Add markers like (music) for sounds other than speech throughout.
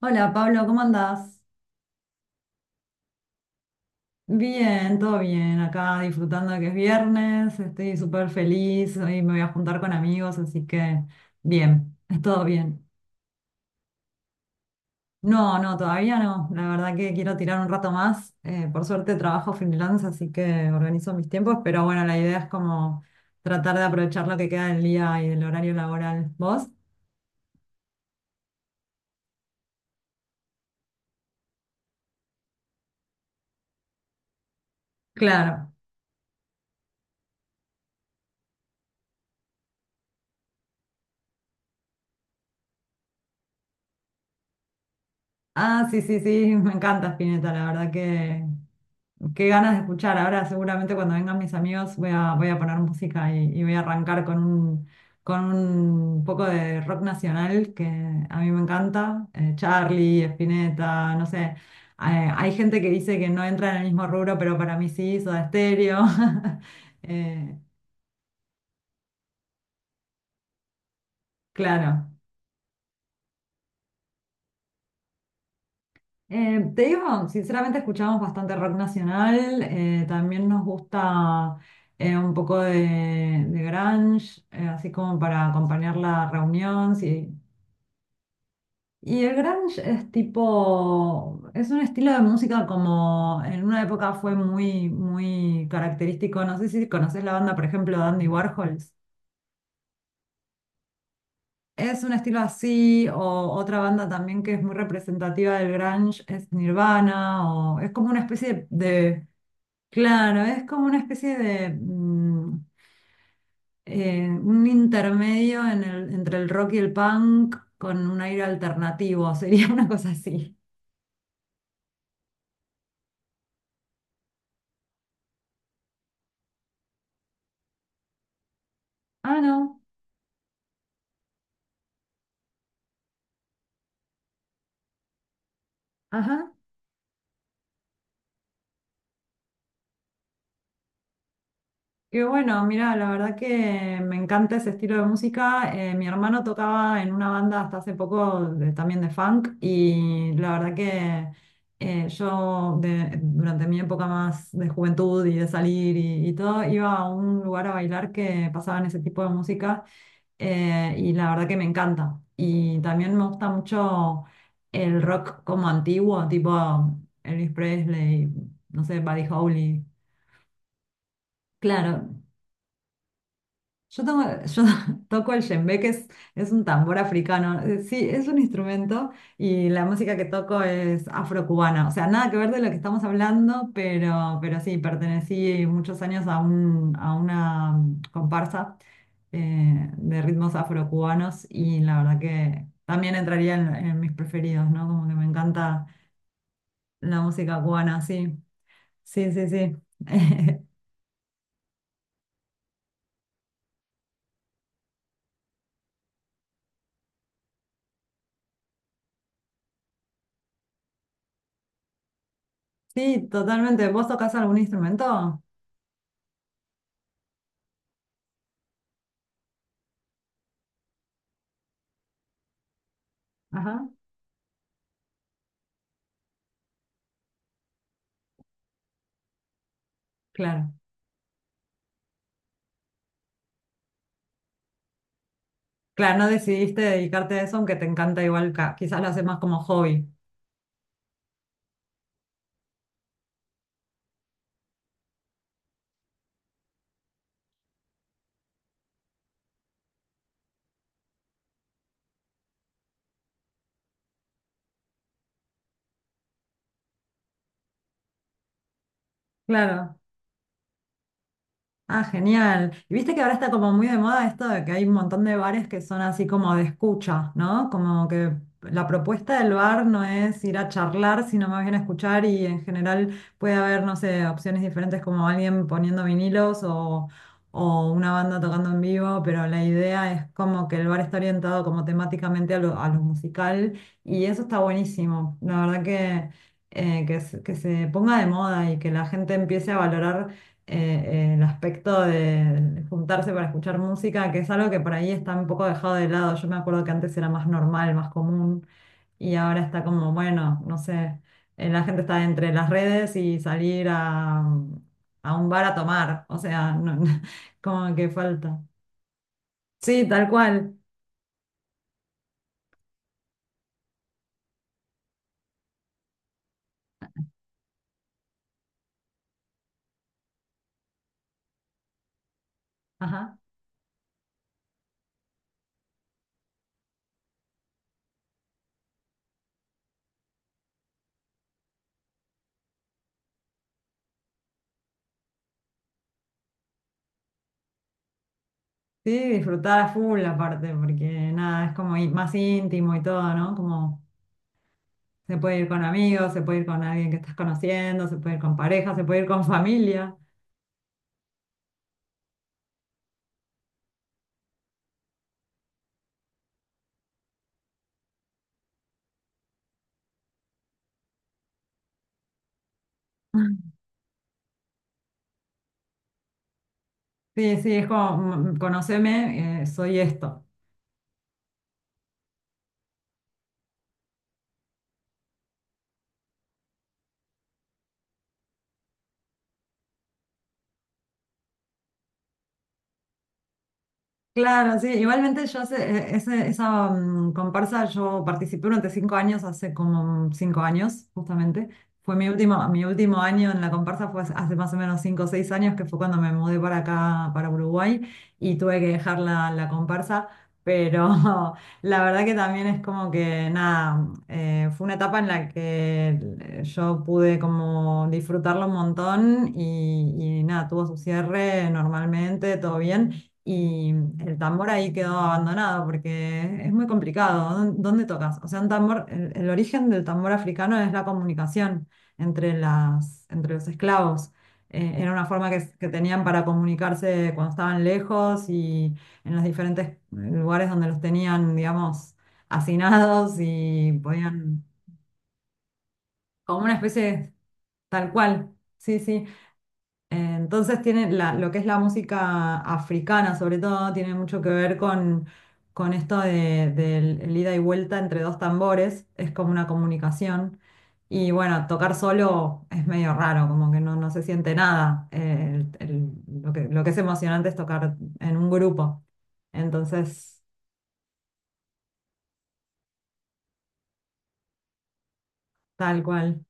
Hola Pablo, ¿cómo andás? Bien, todo bien, acá disfrutando de que es viernes, estoy súper feliz, hoy me voy a juntar con amigos, así que bien, es todo bien. No, no, todavía no, la verdad que quiero tirar un rato más, por suerte trabajo freelance, así que organizo mis tiempos, pero bueno, la idea es como tratar de aprovechar lo que queda del día y del horario laboral. ¿Vos? Claro. Ah, sí, sí, sí, (laughs) me encanta Spinetta, la verdad que qué ganas de escuchar. Ahora seguramente cuando vengan mis amigos voy a poner música y voy a arrancar con un poco de rock nacional que a mí me encanta. Charlie, Spinetta, no sé. Hay gente que dice que no entra en el mismo rubro, pero para mí sí, Soda Stereo. (laughs) Eh, claro. Te digo, sinceramente escuchamos bastante rock nacional, también nos gusta un poco de grunge, así como para acompañar la reunión. Sí. Y el grunge es tipo, es un estilo de música como en una época fue muy, muy característico. No sé si conoces la banda, por ejemplo, de Andy Warhols. Es un estilo así, o otra banda también que es muy representativa del grunge es Nirvana, o es como una especie de. Claro, es como una especie de un intermedio en entre el rock y el punk con un aire alternativo, (laughs) sería una cosa así. Ah, no, ajá. Qué bueno, mira, la verdad que me encanta ese estilo de música. Mi hermano tocaba en una banda hasta hace poco también de funk y la verdad que yo durante mi época más de juventud y de salir y y, todo, iba a un lugar a bailar que pasaban ese tipo de música y la verdad que me encanta. Y también me gusta mucho el rock como antiguo, tipo Elvis Presley, no sé, Buddy Holly. Claro. Yo (laughs) toco el djembe, es un tambor africano. Sí, es un instrumento y la música que toco es afrocubana. O sea, nada que ver de lo que estamos hablando, pero sí, pertenecí muchos años a una comparsa de ritmos afrocubanos y la verdad que también entraría en mis preferidos, ¿no? Como que me encanta la música cubana, sí. Sí, sí, sí. (laughs) Sí, totalmente. ¿Vos tocás algún instrumento? Ajá, claro. Claro, no decidiste dedicarte a eso, aunque te encanta igual, quizás lo haces más como hobby. Claro. Ah, genial. Y viste que ahora está como muy de moda esto de que hay un montón de bares que son así como de escucha, ¿no? Como que la propuesta del bar no es ir a charlar, sino más bien a escuchar y en general puede haber, no sé, opciones diferentes como alguien poniendo vinilos o una banda tocando en vivo, pero la idea es como que el bar está orientado como temáticamente a a lo musical y eso está buenísimo. La verdad que, que se ponga de moda y que la gente empiece a valorar el aspecto de juntarse para escuchar música, que es algo que por ahí está un poco dejado de lado. Yo me acuerdo que antes era más normal, más común, y ahora está como, bueno, no sé, la gente está entre las redes y salir a un bar a tomar, o sea, no, (laughs) como que falta. Sí, tal cual. Ajá. Sí, disfrutar a full aparte, porque nada, es como más íntimo y todo, ¿no? Como se puede ir con amigos, se puede ir con alguien que estás conociendo, se puede ir con pareja, se puede ir con familia. (laughs) Sí, sí, es como, mm, conóceme, soy esto. Claro, sí, igualmente yo esa comparsa yo participé durante 5 años, hace como 5 años justamente. Fue mi último año en la comparsa fue hace más o menos 5 o 6 años, que fue cuando me mudé para acá, para Uruguay, y tuve que dejar la comparsa, pero (laughs) la verdad que también es como que nada, fue una etapa en la que yo pude como disfrutarlo un montón y y nada, tuvo su cierre normalmente, todo bien. Y el tambor ahí quedó abandonado porque es muy complicado. ¿Dónde tocas? O sea, un tambor, el origen del tambor africano es la comunicación entre entre los esclavos. Era una forma que, que tenían para comunicarse cuando estaban lejos y en los diferentes lugares donde los tenían, digamos, hacinados y podían, como una especie de. Tal cual. Sí, sí. Entonces tiene lo que es la música africana, sobre todo, tiene mucho que ver con esto del el ida y vuelta entre dos tambores, es como una comunicación. Y bueno, tocar solo es medio raro, como que no, no se siente nada. Lo que es emocionante es tocar en un grupo. Entonces, tal cual.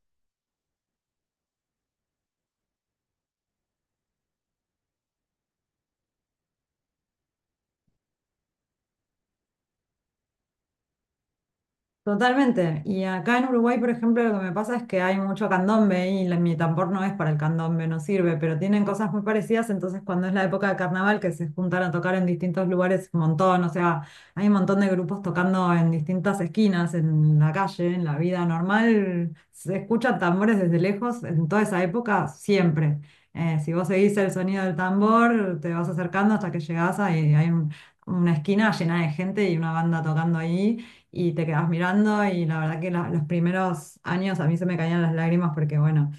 Totalmente. Y acá en Uruguay, por ejemplo, lo que me pasa es que hay mucho candombe y mi tambor no es para el candombe, no sirve, pero tienen cosas muy parecidas. Entonces, cuando es la época de carnaval, que se juntan a tocar en distintos lugares, un montón, o sea, hay un montón de grupos tocando en distintas esquinas, en la calle, en la vida normal. Se escuchan tambores desde lejos en toda esa época, siempre. Si vos seguís el sonido del tambor, te vas acercando hasta que llegás ahí, una esquina llena de gente y una banda tocando ahí y te quedas mirando y la verdad que los primeros años a mí se me caían las lágrimas porque bueno,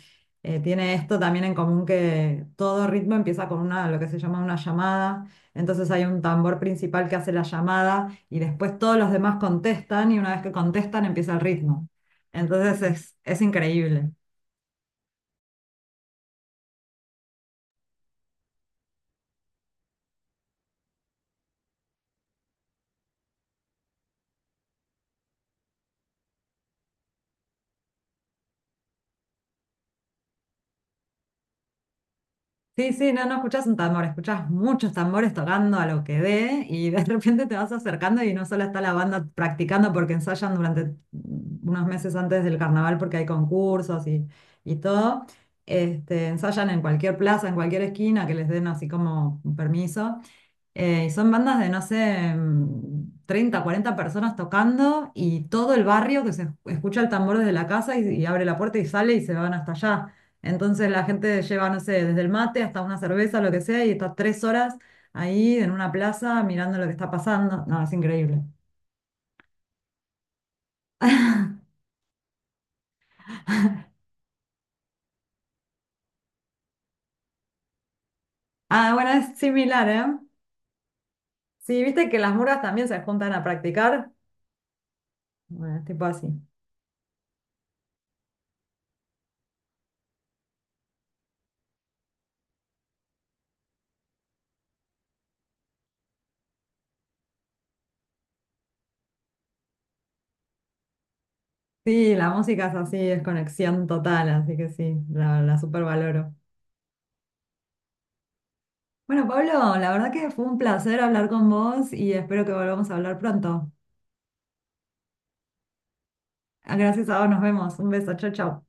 tiene esto también en común que todo ritmo empieza con una, lo que se llama una llamada, entonces hay un tambor principal que hace la llamada y después todos los demás contestan y una vez que contestan empieza el ritmo. Entonces es increíble. Sí, sí, no, no escuchás un tambor, escuchás muchos tambores tocando a lo que dé y de (laughs) repente te vas acercando y no solo está la banda practicando porque ensayan durante unos meses antes del carnaval porque hay concursos y todo. Este, ensayan en cualquier plaza, en cualquier esquina que les den así como un permiso y son bandas de, no sé, 30, 40 personas tocando y todo el barrio que se escucha el tambor desde la casa y y abre la puerta y sale y se van hasta allá. Entonces la gente lleva, no sé, desde el mate hasta una cerveza, lo que sea, y está 3 horas ahí en una plaza mirando lo que está pasando. No, es increíble. Ah, bueno, es similar, ¿eh? Sí, viste que las murgas también se juntan a practicar. Bueno, es tipo así. Sí, la música es así, es conexión total, así que sí, la supervaloro. Bueno, Pablo, la verdad que fue un placer hablar con vos y espero que volvamos a hablar pronto. Gracias a vos, nos vemos. Un beso, chau, chau.